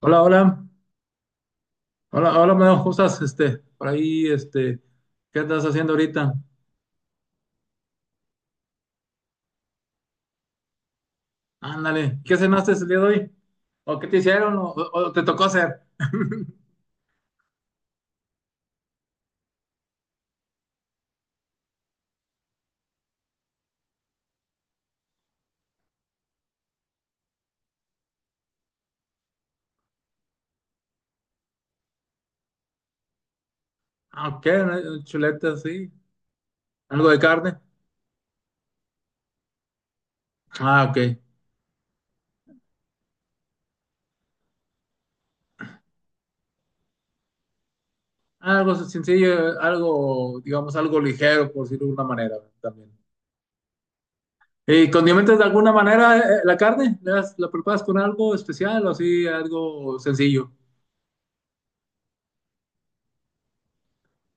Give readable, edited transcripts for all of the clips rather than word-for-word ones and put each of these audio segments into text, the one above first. Hola, hola, hola, hola, Meo, ¿cómo estás? Este, por ahí, este, ¿qué andas haciendo ahorita? Ándale, ¿qué cenaste el día de hoy? ¿O qué te hicieron? ¿O te tocó hacer? Ah, ok, ¿no?, chuletas, sí. ¿Algo de carne? Ah, ok. Algo sencillo, algo, digamos, algo ligero, por decirlo de alguna manera, también. ¿Y condimentas de alguna manera la carne? ¿La preparas con algo especial o así, algo sencillo?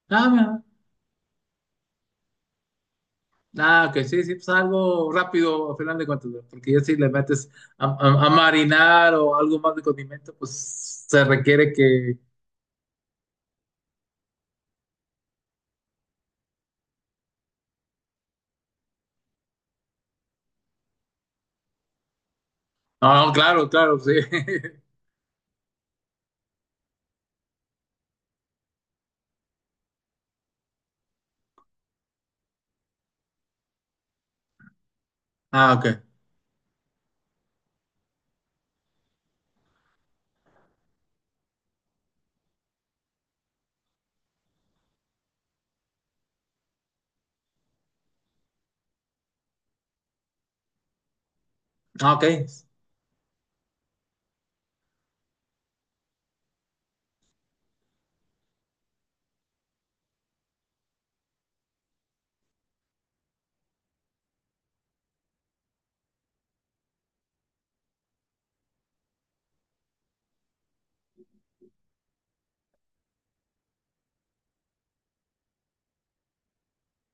Ah, mira. Ah, que sí, sí, pues algo rápido, al final de cuentas, ¿no? Porque ya si le metes a marinar o algo más de condimento, pues se requiere que... Ah, claro, claro, sí. Ah, ok. Ah, ok.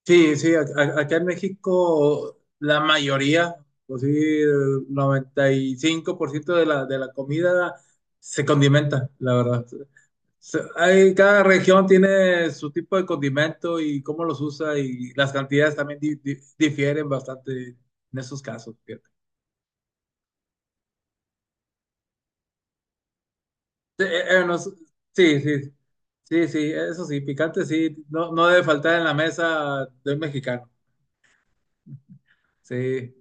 Sí, sí, acá en México la mayoría, pues sí, el 95% de la comida se condimenta, la verdad. Cada región tiene su tipo de condimento y cómo los usa, y las cantidades también difieren bastante en esos casos, fíjate. Sí, sí, sí, sí, sí, sí, eso sí, picante sí, no, no debe faltar en la mesa de un mexicano. Sí.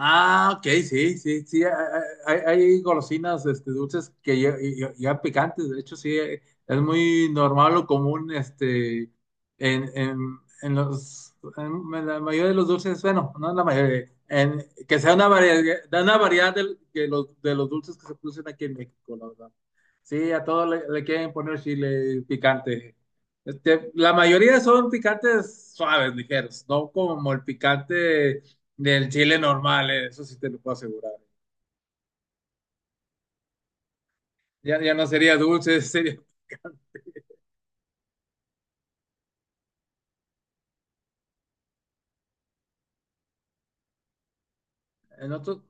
Ah, ok, sí, sí, sí, hay golosinas, este, dulces que ya picantes, de hecho sí, es muy normal o común, este, en los, en, la mayoría de los dulces, bueno, no en la mayoría, en, que sea una variedad, da una variedad que los, de los dulces que se producen aquí en México, la verdad. Sí, a todos le quieren poner chile picante. Este, la mayoría son picantes suaves, ligeros, no como el picante del chile normal, eso sí te lo puedo asegurar. Ya, ya no sería dulce, sería... En otro,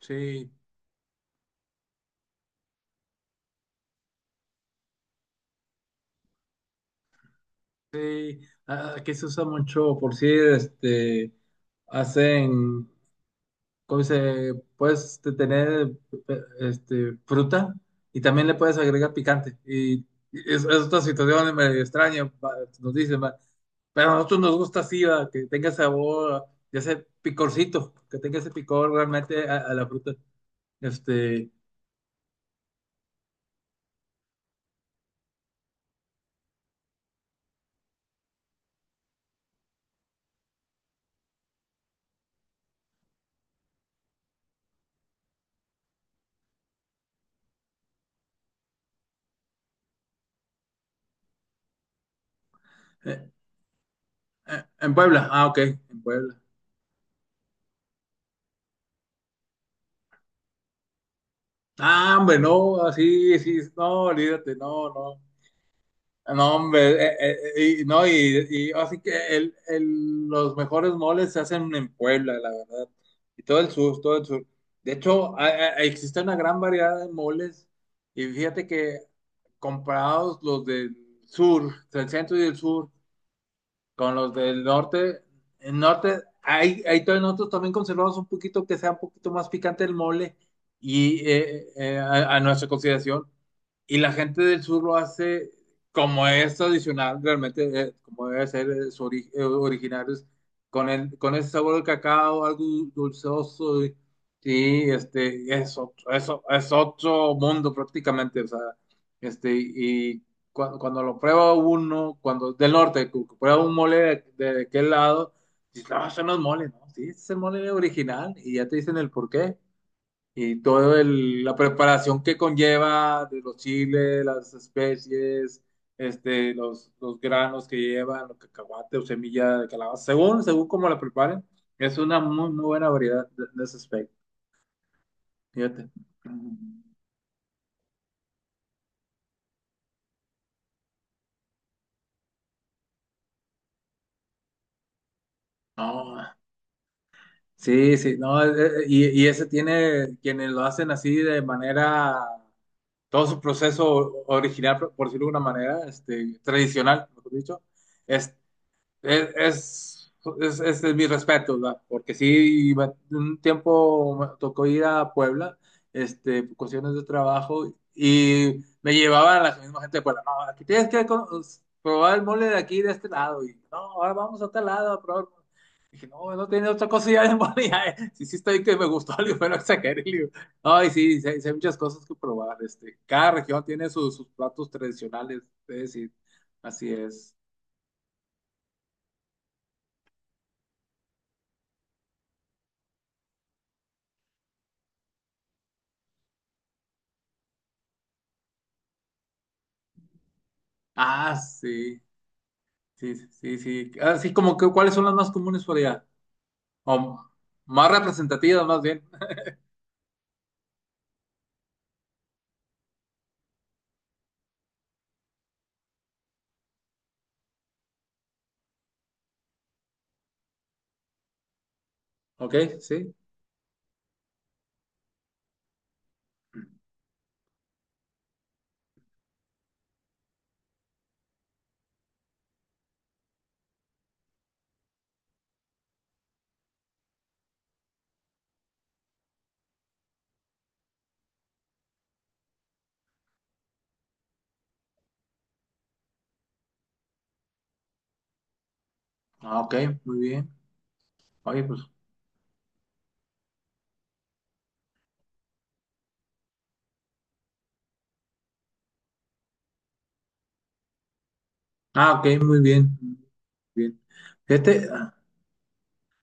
sí, sí. Ah, aquí se usa mucho, por si este, hacen, ¿cómo se? Puedes tener este, fruta, y también le puedes agregar picante. Y es otra situación medio extraña, va, nos dicen, va. Pero a nosotros nos gusta así, va, que tenga sabor, ya ese picorcito, que tenga ese picor realmente a la fruta. Este, eh, En Puebla, ah, ok, en Puebla. Ah, hombre, no, así, sí, no, olvídate, no, no. No, hombre, y, no, y así que el, los mejores moles se hacen en Puebla, la verdad. Y todo el sur, todo el sur. De hecho, existe una gran variedad de moles, y fíjate que comparados los del sur, del centro y del sur, con los del norte, el norte, hay todavía nosotros también conservamos un poquito que sea un poquito más picante el mole y a nuestra consideración, y la gente del sur lo hace como es tradicional, realmente, como debe ser, su originarios, con, el, con ese sabor de cacao, algo dulceoso, y, este, es otro, eso es otro mundo prácticamente, o sea, este, y cuando lo prueba uno, cuando del norte, prueba un mole de aquel lado, dices, no, eso no es mole, ¿no? Sí, ese es el mole original, y ya te dicen el por qué y toda la preparación que conlleva de los chiles, las especies, este, los granos que llevan, los cacahuate o semilla de calabaza, según, según cómo la preparen, es una muy, muy buena variedad de ese aspecto. Fíjate. No, sí, sí, no, y ese tiene quienes lo hacen así de manera, todo su proceso original, por decirlo de una manera, este, tradicional, mejor dicho. Es, es, es mi respeto, ¿verdad? Porque sí, un tiempo me tocó ir a Puebla, este, por cuestiones de trabajo, y me llevaban a la misma gente de Puebla. No, aquí tienes que probar el mole de aquí, de este lado. Y no, ahora vamos a tal lado a probar. Dije, no, no tiene otra cosa ya de mole. Ya, eh. Sí, sí, estoy que me gustó, le digo, pero exageré, le digo. Ay, sí, sí, hay, sí hay muchas cosas que probar. Este, cada región tiene sus platos tradicionales, es decir, así es. Ah, sí. Sí, sí, sí. Así como que, ¿cuáles son las más comunes por allá? O más representativas, más bien. Ok, sí. Ah, ok, muy bien. Oye, pues. Ah, ok, muy bien. Bien. Fíjate. Ah,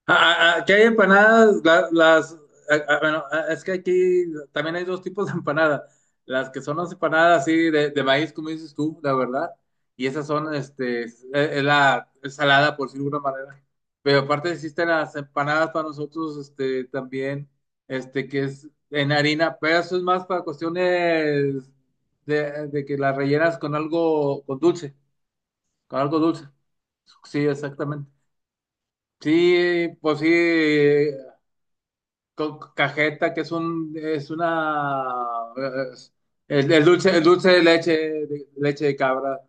ah, ah, aquí hay empanadas, ah, ah, bueno, ah, es que aquí también hay dos tipos de empanadas. Las que son las empanadas así de maíz, como dices tú, la verdad. Y esas son, este, es la es salada, por decirlo de alguna manera. Pero aparte existen las empanadas para nosotros, este, también, este, que es en harina, pero eso es más para cuestiones de que las rellenas con algo, con dulce, con algo dulce. Sí, exactamente. Sí, pues sí, con cajeta, que es un, es una, es- el dulce, el dulce de leche, leche de cabra.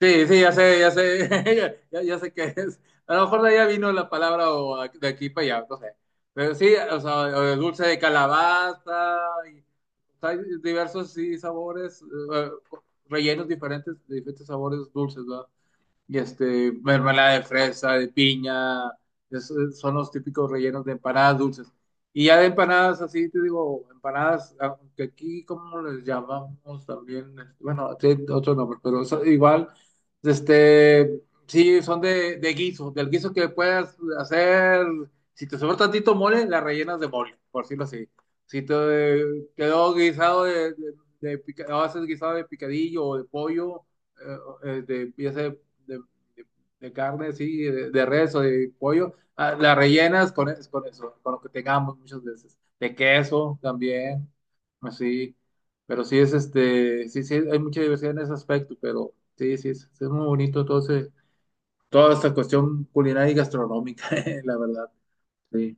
Sí, sí, ya sé, ya, ya sé qué es. A lo mejor de allá vino la palabra o de aquí para allá, no sé. Pero sí, o sea, o el dulce de calabaza, y, o sea, hay diversos, sí, sabores, eh, rellenos diferentes, de diferentes sabores dulces, ¿verdad? Y este, mermelada de fresa, de piña, son los típicos rellenos de empanadas dulces. Y ya de empanadas así, te digo, empanadas, aunque aquí como les llamamos también, este, bueno, tiene otro nombre, pero eso igual, este, sí, son de guiso, del guiso que puedas hacer, si te sobra tantito mole, la rellenas de mole, por decirlo así. Si te quedó guisado haces guisado de picadillo o de pollo, eh, de pieza de, de carne, sí, res o de pollo, ah, la rellenas con, con eso, con lo que tengamos muchas veces. De queso también, así. Pero sí es, este, sí, sí, hay mucha diversidad en ese aspecto, pero sí, sí es muy bonito todo toda esta cuestión culinaria y gastronómica, la verdad. Sí.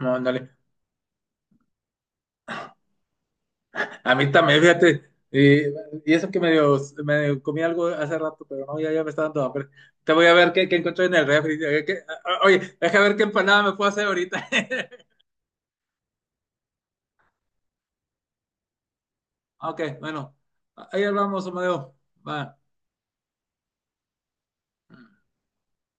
No, ándale. A mí también, fíjate. Y, y eso que medio comí algo hace rato, pero no, ya, ya me está dando hambre. Te voy a ver qué encontré en el refri. Oye, deja ver qué empanada me puedo hacer ahorita. Ok, bueno. Ahí hablamos, Amadeo. Va.